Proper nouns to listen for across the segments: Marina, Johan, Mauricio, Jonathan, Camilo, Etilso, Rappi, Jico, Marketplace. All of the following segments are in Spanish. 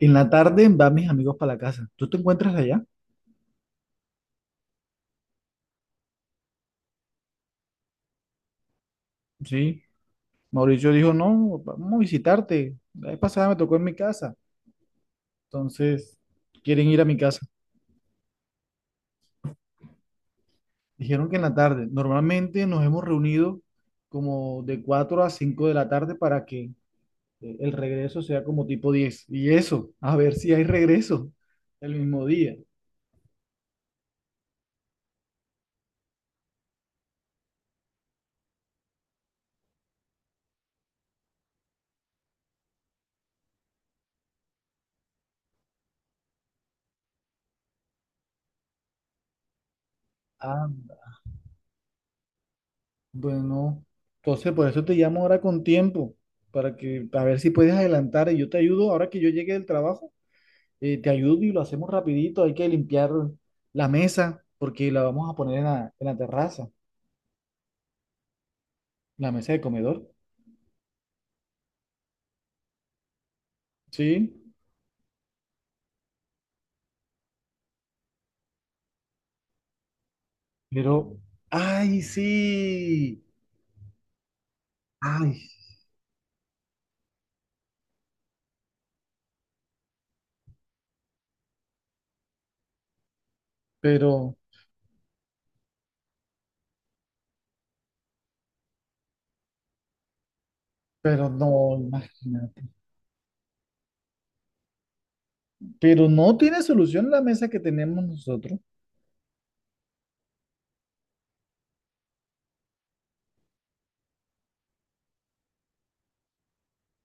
En la tarde van mis amigos para la casa. ¿Tú te encuentras allá? Sí. Mauricio dijo, no, vamos a visitarte. La vez pasada me tocó en mi casa. Entonces, quieren ir a mi casa. Dijeron que en la tarde. Normalmente nos hemos reunido como de 4 a 5 de la tarde para que el regreso sea como tipo 10. Y eso, a ver si hay regreso el mismo día. Anda. Bueno, entonces por eso te llamo ahora con tiempo, para que, a ver si puedes adelantar y yo te ayudo ahora que yo llegue del trabajo. Te ayudo y lo hacemos rapidito. Hay que limpiar la mesa porque la vamos a poner en la terraza, la mesa de comedor. Sí, pero, ay, sí, ay, pero, pero no, imagínate. Pero no tiene solución la mesa que tenemos nosotros.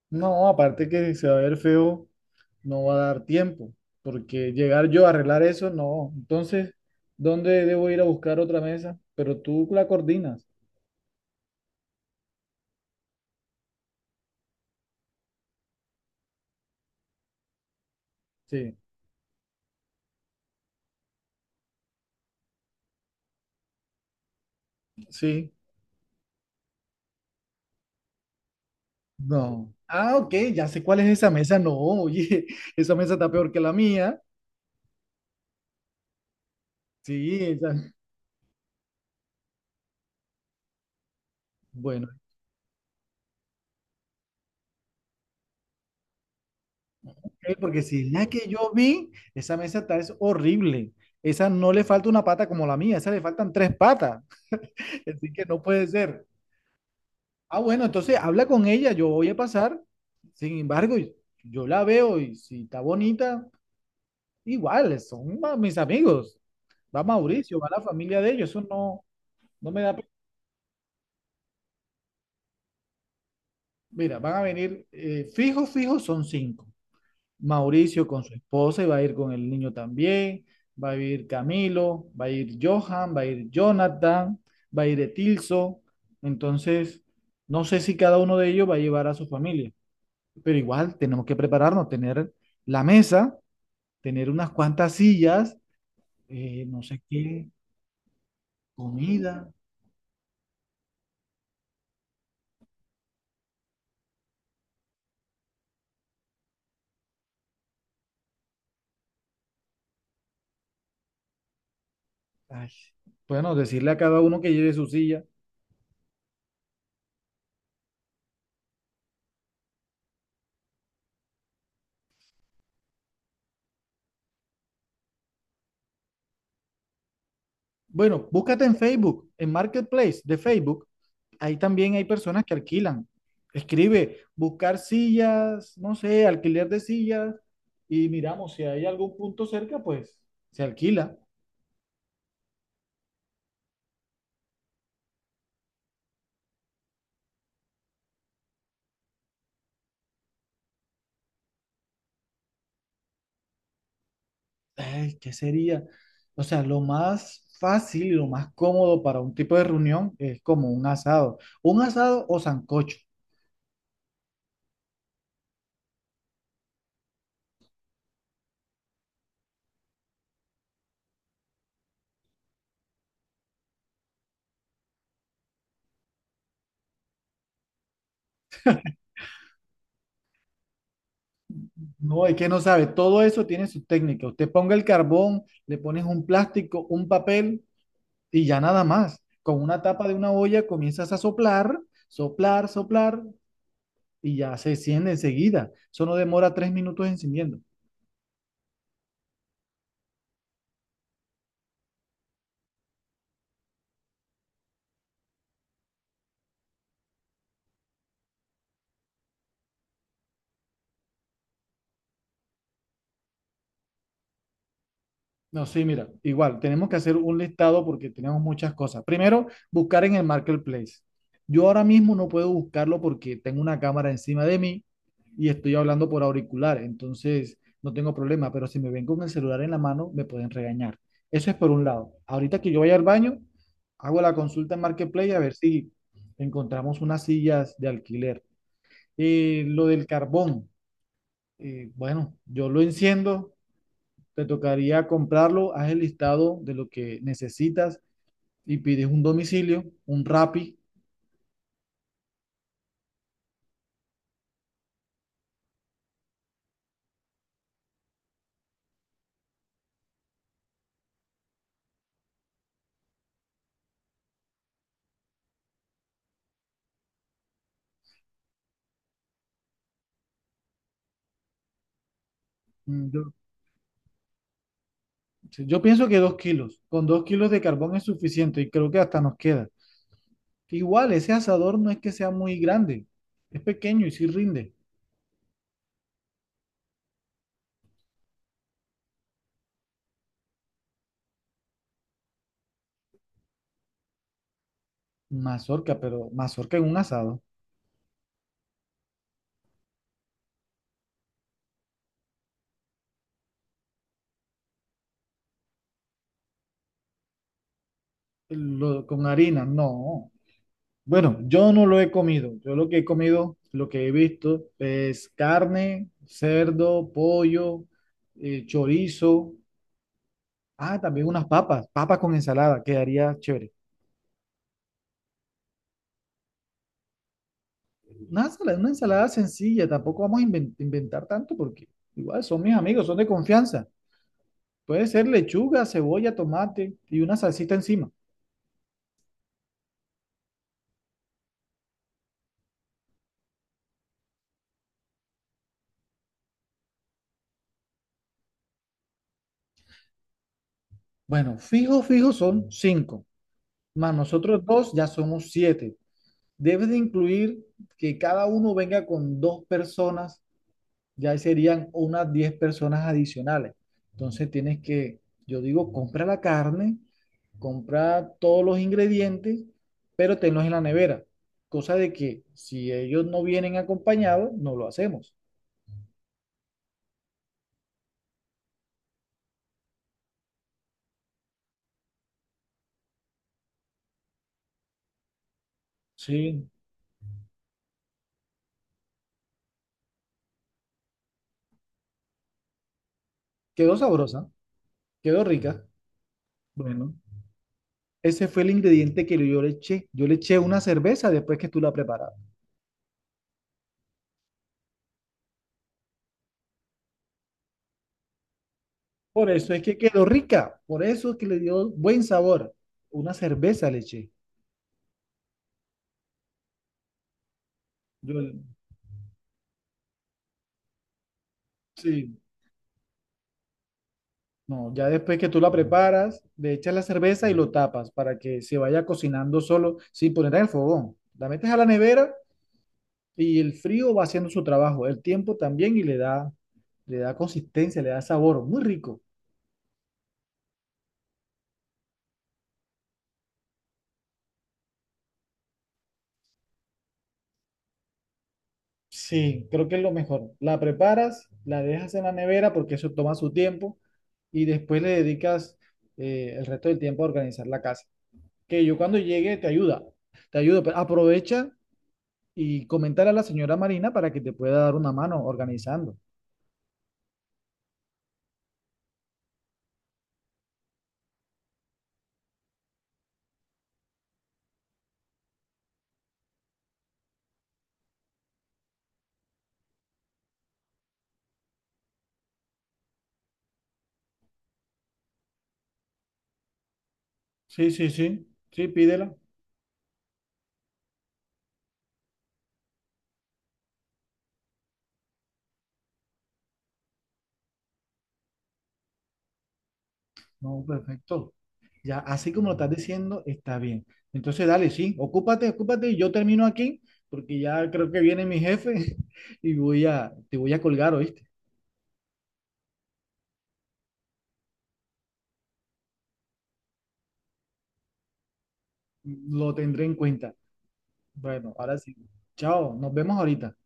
No, aparte que se va a ver feo, no va a dar tiempo, porque llegar yo a arreglar eso, no. Entonces, ¿dónde debo ir a buscar otra mesa? Pero tú la coordinas. Sí, sí. No. Ah, ok, ya sé cuál es esa mesa. No, oye, esa mesa está peor que la mía. Sí, esa. Bueno, ok, porque si la que yo vi, esa mesa está es horrible. Esa no le falta una pata como la mía, esa le faltan tres patas. Así que no puede ser. Ah, bueno, entonces habla con ella, yo voy a pasar. Sin embargo, yo la veo y si está bonita, igual, son mis amigos. Va Mauricio, va la familia de ellos, eso no, no me da. Mira, van a venir, fijo, fijo, son cinco. Mauricio con su esposa y va a ir con el niño también, va a ir Camilo, va a ir Johan, va a ir Jonathan, va a ir Etilso. Entonces, no sé si cada uno de ellos va a llevar a su familia, pero igual tenemos que prepararnos, tener la mesa, tener unas cuantas sillas, no sé qué, comida. Ay, bueno, decirle a cada uno que lleve su silla. Bueno, búscate en Facebook, en Marketplace de Facebook. Ahí también hay personas que alquilan. Escribe, buscar sillas, no sé, alquiler de sillas. Y miramos, si hay algún punto cerca, pues se alquila. Ay, ¿qué sería? O sea, lo más fácil y lo más cómodo para un tipo de reunión es como un asado. Un asado o sancocho. No, es que no sabe, todo eso tiene su técnica. Usted ponga el carbón, le pones un plástico, un papel y ya nada más. Con una tapa de una olla comienzas a soplar, soplar, soplar y ya se enciende enseguida. Eso no demora 3 minutos encendiendo. No, sí, mira, igual, tenemos que hacer un listado porque tenemos muchas cosas. Primero, buscar en el marketplace. Yo ahora mismo no puedo buscarlo porque tengo una cámara encima de mí y estoy hablando por auricular, entonces no tengo problema, pero si me ven con el celular en la mano, me pueden regañar. Eso es por un lado. Ahorita que yo vaya al baño, hago la consulta en marketplace a ver si encontramos unas sillas de alquiler. Lo del carbón, bueno, yo lo enciendo. Te tocaría comprarlo, haz el listado de lo que necesitas y pides un domicilio, un Rappi. Mm, Yo, sí, yo pienso que con 2 kilos de carbón es suficiente y creo que hasta nos queda. Igual, ese asador no es que sea muy grande, es pequeño y sí rinde. Mazorca, pero mazorca en un asado, con harina, no. Bueno, yo no lo he comido. Yo lo que he comido, lo que he visto es carne, cerdo, pollo, chorizo. Ah, también unas papas, papas con ensalada, quedaría chévere. Una ensalada sencilla, tampoco vamos a inventar tanto porque igual son mis amigos, son de confianza. Puede ser lechuga, cebolla, tomate y una salsita encima. Bueno, fijo, fijo son cinco, más nosotros dos ya somos siete. Debes de incluir que cada uno venga con dos personas, ya serían unas 10 personas adicionales. Entonces tienes que, yo digo, compra la carne, compra todos los ingredientes, pero tenlos en la nevera. Cosa de que si ellos no vienen acompañados, no lo hacemos. Sí, quedó sabrosa, quedó rica. Bueno, ese fue el ingrediente que yo le eché. Yo le eché una cerveza después que tú la preparaste. Por eso es que quedó rica, por eso es que le dio buen sabor. Una cerveza le eché. Yo, sí. No, ya después que tú la preparas, le echas la cerveza y lo tapas para que se vaya cocinando solo sin poner en el fogón. La metes a la nevera y el frío va haciendo su trabajo, el tiempo también y le da, consistencia, le da sabor, muy rico. Sí, creo que es lo mejor. La preparas, la dejas en la nevera porque eso toma su tiempo y después le dedicas el resto del tiempo a organizar la casa. Que yo cuando llegue te ayudo, pero aprovecha y comentar a la señora Marina para que te pueda dar una mano organizando. Sí, sí, sí, sí, pídela. No, perfecto. Ya, así como lo estás diciendo, está bien. Entonces, dale, sí, ocúpate, ocúpate y yo termino aquí, porque ya creo que viene mi jefe y te voy a colgar, ¿oíste? Lo tendré en cuenta. Bueno, ahora sí. Chao, nos vemos ahorita.